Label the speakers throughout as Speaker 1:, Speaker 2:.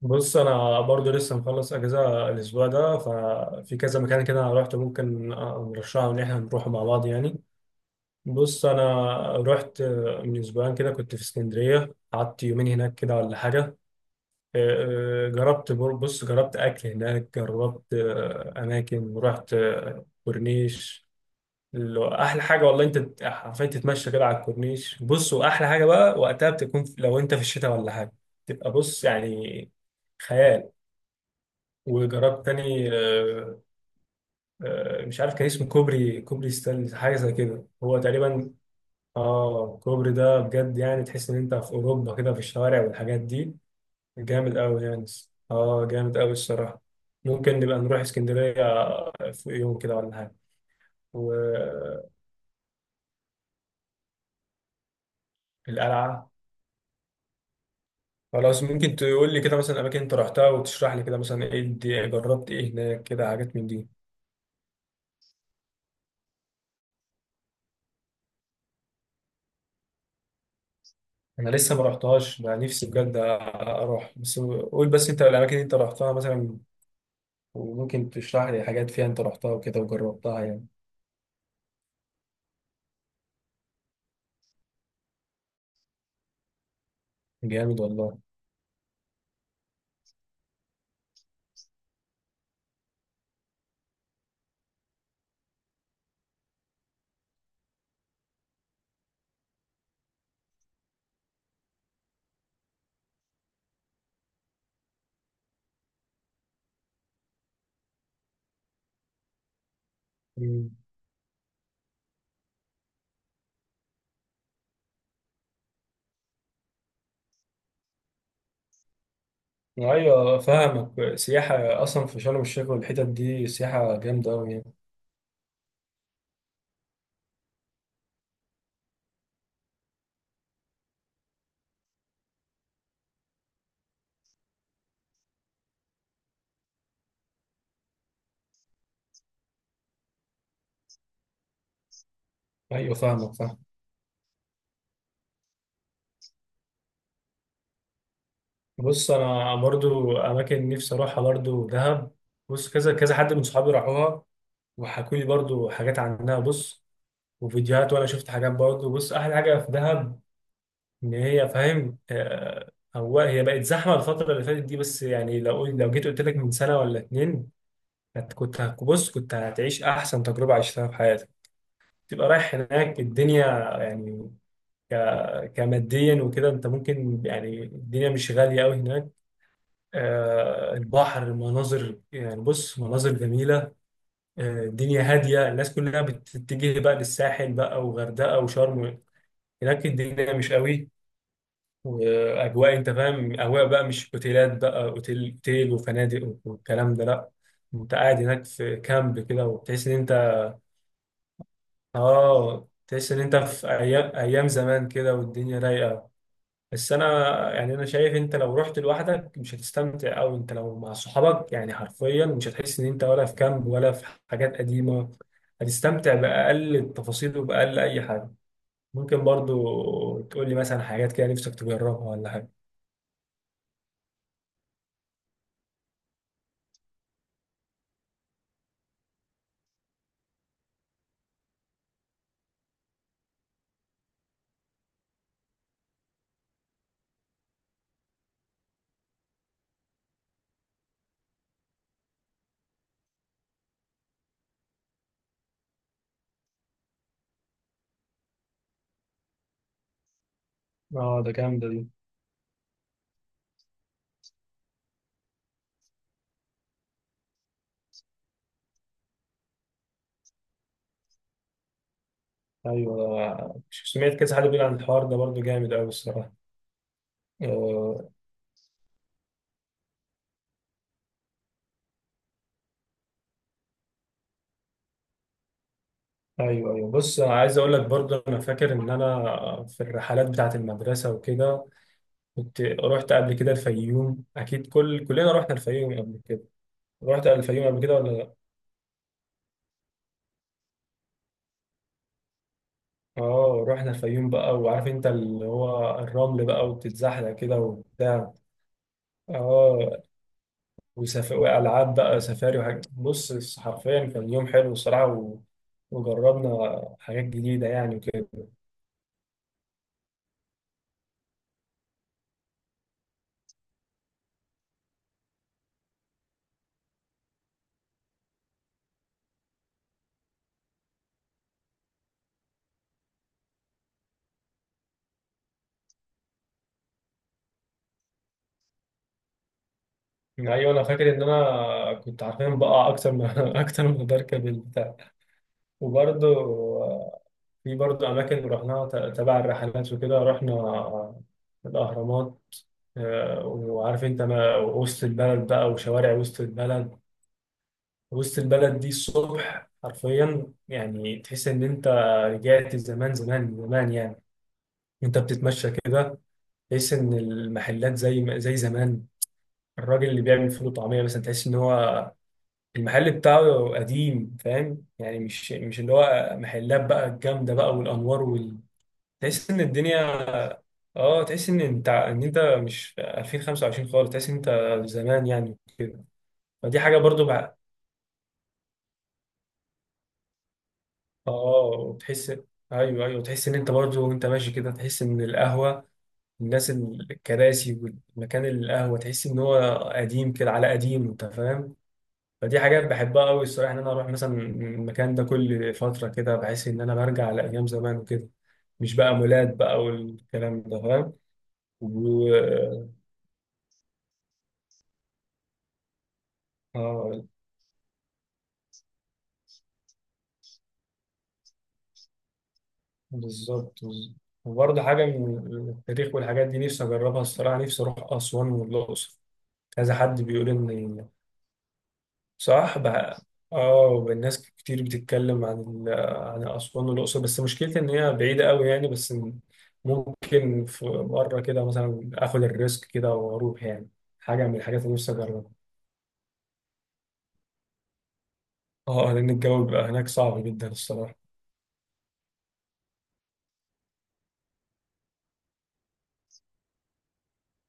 Speaker 1: بص، انا برضو لسه مخلص اجازه الاسبوع ده، ففي كذا مكان كده انا روحت ممكن نرشحه ان احنا نروحه مع بعض يعني. بص انا رحت من اسبوعين كده، كنت في اسكندريه قعدت يومين هناك كده ولا حاجه. جربت بص جربت اكل هناك، جربت اماكن، رحت كورنيش اللي هو احلى حاجه. والله انت حرفيا تتمشى كده على الكورنيش. بص واحلى حاجه بقى وقتها بتكون لو انت في الشتاء ولا حاجه، تبقى بص يعني خيال. وجربت تاني مش عارف كان اسمه كوبري ستانلي حاجه زي كده هو تقريبا. اه الكوبري ده بجد يعني تحس ان انت في اوروبا كده، في الشوارع والحاجات دي. جامد قوي يعني. اه جامد قوي الصراحه. ممكن نبقى نروح اسكندريه في يوم كده ولا حاجه، والقلعه. خلاص ممكن تقول لي كده مثلا اماكن انت رحتها، وتشرح لي كده مثلا ايه جربت ايه هناك كده، حاجات من دي. انا لسه ما رحتهاش، انا نفسي بجد اروح، بس قول بس انت الاماكن اللي انت رحتها مثلا، وممكن تشرح لي حاجات فيها انت رحتها وكده وجربتها يعني. جامد والله. مم. ايوه فاهمك، سياحه اصلا في شرم الشيخ والحتت دي سياحه جامده قوي يعني. ايوه فاهمك فاهم. بص انا برضو اماكن نفسي اروحها برضو دهب. بص كذا كذا حد من صحابي راحوها وحكوا لي برضو حاجات عنها. بص وفيديوهات، وانا شفت حاجات برضو. بص احلى حاجه في دهب ان هي فاهم، هو هي بقت زحمه الفتره اللي فاتت دي، بس يعني لو جيت قلت لك من سنه ولا اتنين، كنت بص كنت هتعيش احسن تجربه عشتها في حياتك. تبقى رايح هناك، الدنيا يعني، كماديا وكده، انت ممكن يعني الدنيا مش غاليه قوي هناك. البحر، المناظر، يعني بص مناظر جميله. الدنيا هاديه، الناس كلها بتتجه بقى للساحل بقى وغردقه وشرم، هناك الدنيا مش قوي. واجواء انت فاهم، اجواء بقى، مش اوتيلات بقى، اوتيل اوتيل وفنادق والكلام ده لا. انت قاعد هناك في كامب كده وبتحس ان انت، اه تحس ان انت في ايام ايام زمان كده والدنيا رايقه. بس انا يعني، انا شايف انت لو رحت لوحدك مش هتستمتع، او انت لو مع صحابك يعني حرفيا مش هتحس ان انت ولا في كامب ولا في حاجات قديمه، هتستمتع باقل التفاصيل وباقل اي حاجه. ممكن برضو تقول لي مثلا حاجات كده نفسك تجربها ولا حاجه. اه ده جامدة دي. ايوه سمعت كذا حد بيقول عن الحوار ده برضو جامد قوي الصراحه. آه، ايوه ايوه. بص أنا عايز اقول لك برضو، انا فاكر ان انا في الرحلات بتاعه المدرسه وكده كنت رحت قبل كده الفيوم. اكيد كلنا رحنا الفيوم قبل كده. رحت الفيوم قبل كده ولا لا؟ اه رحنا الفيوم بقى، وعارف انت اللي هو الرمل بقى وبتتزحلق كده وبتاع. اه والعاب بقى سفاري وحاجات. بص حرفيا كان يوم حلو الصراحه وجربنا حاجات جديده يعني وكده. يعني ايوه انا فاكر ان انا كنت عارفين بقع اكتر ما اكتر ما بركب البتاع. وبرضه آه، في برضه اماكن رحناها تبع الرحلات وكده، رحنا الاهرامات. وعارف انت ما وسط البلد بقى، وشوارع وسط البلد. وسط البلد دي الصبح حرفيا يعني تحس ان انت رجعت زمان زمان زمان يعني. انت بتتمشى كده تحس ان المحلات زي زمان. الراجل اللي بيعمل فول وطعميه مثلا تحس ان هو المحل بتاعه قديم، فاهم يعني. مش اللي هو محلات بقى الجامده بقى والانوار تحس ان الدنيا، اه تحس ان انت ان انت مش في 2025 خالص. تحس ان انت زمان يعني كده. فدي حاجه برضو بقى. اه وتحس، ايوه ايوه تحس ان انت برضو وانت ماشي كده، تحس ان القهوه، الناس، الكراسي والمكان، القهوه تحس ان هو قديم كده على قديم، انت فاهم. فدي حاجات بحبها قوي الصراحه، ان انا اروح مثلا المكان ده كل فتره كده، بحس ان انا برجع لايام زمان وكده. مش بقى مولات بقى والكلام ده فاهم. و... اه بالظبط. وبرضه حاجه من التاريخ والحاجات دي نفسي اجربها الصراحه. نفسي اروح اسوان والاقصر. كذا حد بيقول ان، صح بقى. اه الناس كتير بتتكلم عن ال- عن اسوان والاقصر، بس مشكلتي ان هي بعيده قوي يعني. بس ممكن في مره كده مثلا اخد الريسك كده واروح يعني، حاجه من الحاجات اللي نفسي اجربها. اه لان الجو بيبقى هناك صعب جدا الصراحه.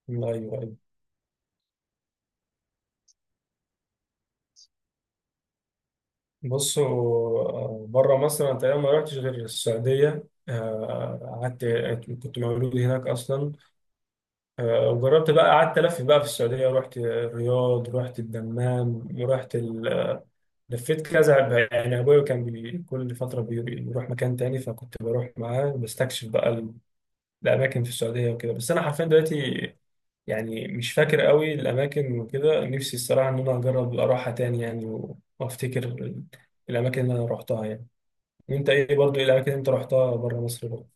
Speaker 1: ايوه ايوه. بصوا بره مصر انا تقريبا ما رحتش غير السعوديه. قعدت كنت مولود هناك اصلا. وجربت بقى قعدت الف بقى في السعوديه. رحت الرياض، رحت الدمام، رحت لفيت كذا يعني. ابويا كان كل فتره بيروح مكان تاني، فكنت بروح معاه بستكشف بقى الاماكن في السعوديه وكده. بس انا حرفيا دلوقتي يعني مش فاكر قوي الاماكن وكده. نفسي الصراحه ان انا اجرب اروحها تاني يعني وافتكر الاماكن اللي انا روحتها يعني. وانت ايه برضو، ايه الاماكن اللي انت روحتها بره مصر برضه؟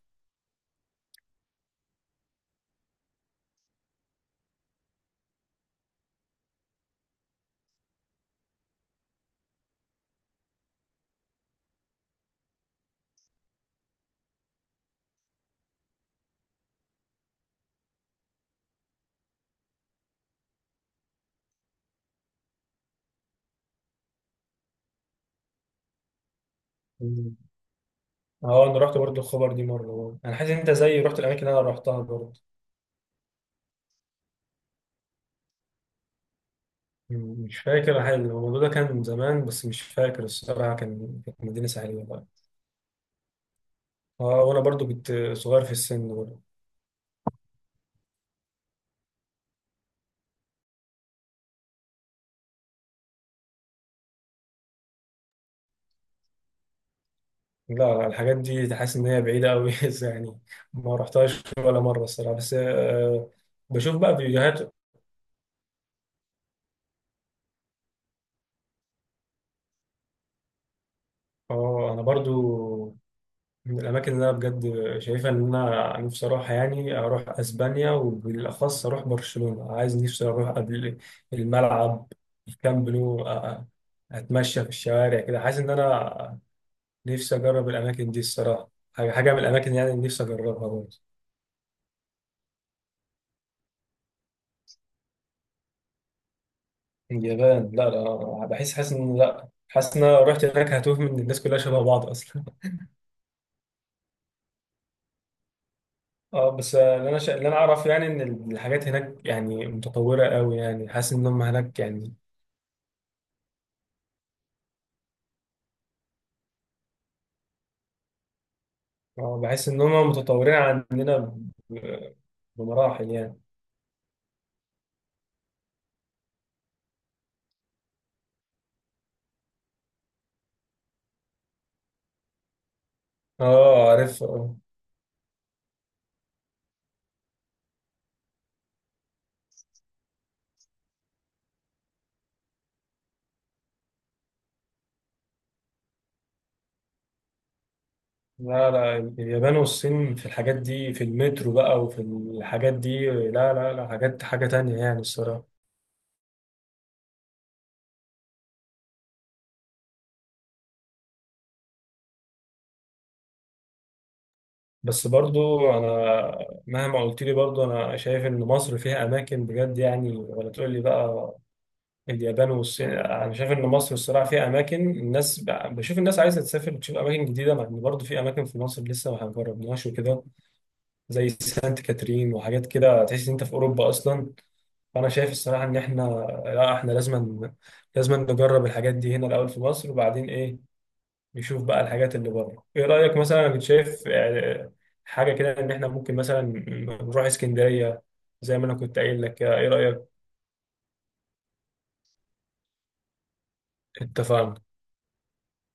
Speaker 1: مم. اه انا رحت برضو الخبر دي مره برضه. انا حاسس ان انت زيي رحت الاماكن اللي انا روحتها برضه. مم، مش فاكر حاجة. الموضوع ده كان زمان بس مش فاكر الصراحه، كان كانت مدينه ساحليه. اه وانا برضو كنت صغير في السن برضو. لا لا الحاجات دي تحس ان هي بعيده قوي يعني. ما رحتهاش ولا مره الصراحه، بس بشوف بقى فيديوهات. اه انا برضو من الاماكن اللي انا بجد شايفها ان انا نفسي اروحها يعني، اروح اسبانيا وبالاخص اروح برشلونه، عايز نفسي اروح قبل الملعب الكامب نو. اتمشى في الشوارع كده حاسس ان انا نفسي اجرب الاماكن دي الصراحه. حاجه من الاماكن يعني اللي نفسي اجربها برضو. اليابان لا لا بحس، حاسس ان لا، حاسس ان انا لو رحت هناك هتوه، من الناس كلها شبه بعض اصلا اه بس اللي انا اعرف يعني ان الحاجات هناك يعني متطوره قوي يعني، حاسس ان هم هناك يعني. اه بحس ان هم متطورين عندنا ب- بمراحل يعني. اه عارف اه. لا لا اليابان والصين في الحاجات دي، في المترو بقى وفي الحاجات دي، لا لا لا، حاجات حاجه تانية يعني الصراحه. بس برضو انا مهما قلت لي برضو، انا شايف ان مصر فيها اماكن بجد يعني، ولا تقول لي بقى اليابان والصين، انا شايف ان مصر الصراحه فيها اماكن. الناس بشوف الناس عايزه تسافر تشوف اماكن جديده، مع ان برضو في اماكن في مصر لسه ما جربناهاش وكده، زي سانت كاترين وحاجات كده تحس ان انت في اوروبا اصلا. فانا شايف الصراحه ان احنا لا، احنا لازم نجرب الحاجات دي هنا الاول في مصر، وبعدين ايه يشوف بقى الحاجات اللي بره. ايه رأيك مثلا؟ انا كنت شايف حاجة كده ان احنا ممكن مثلا نروح اسكندرية زي ما انا كنت قايل لك كده. ايه رأيك؟ اتفقنا.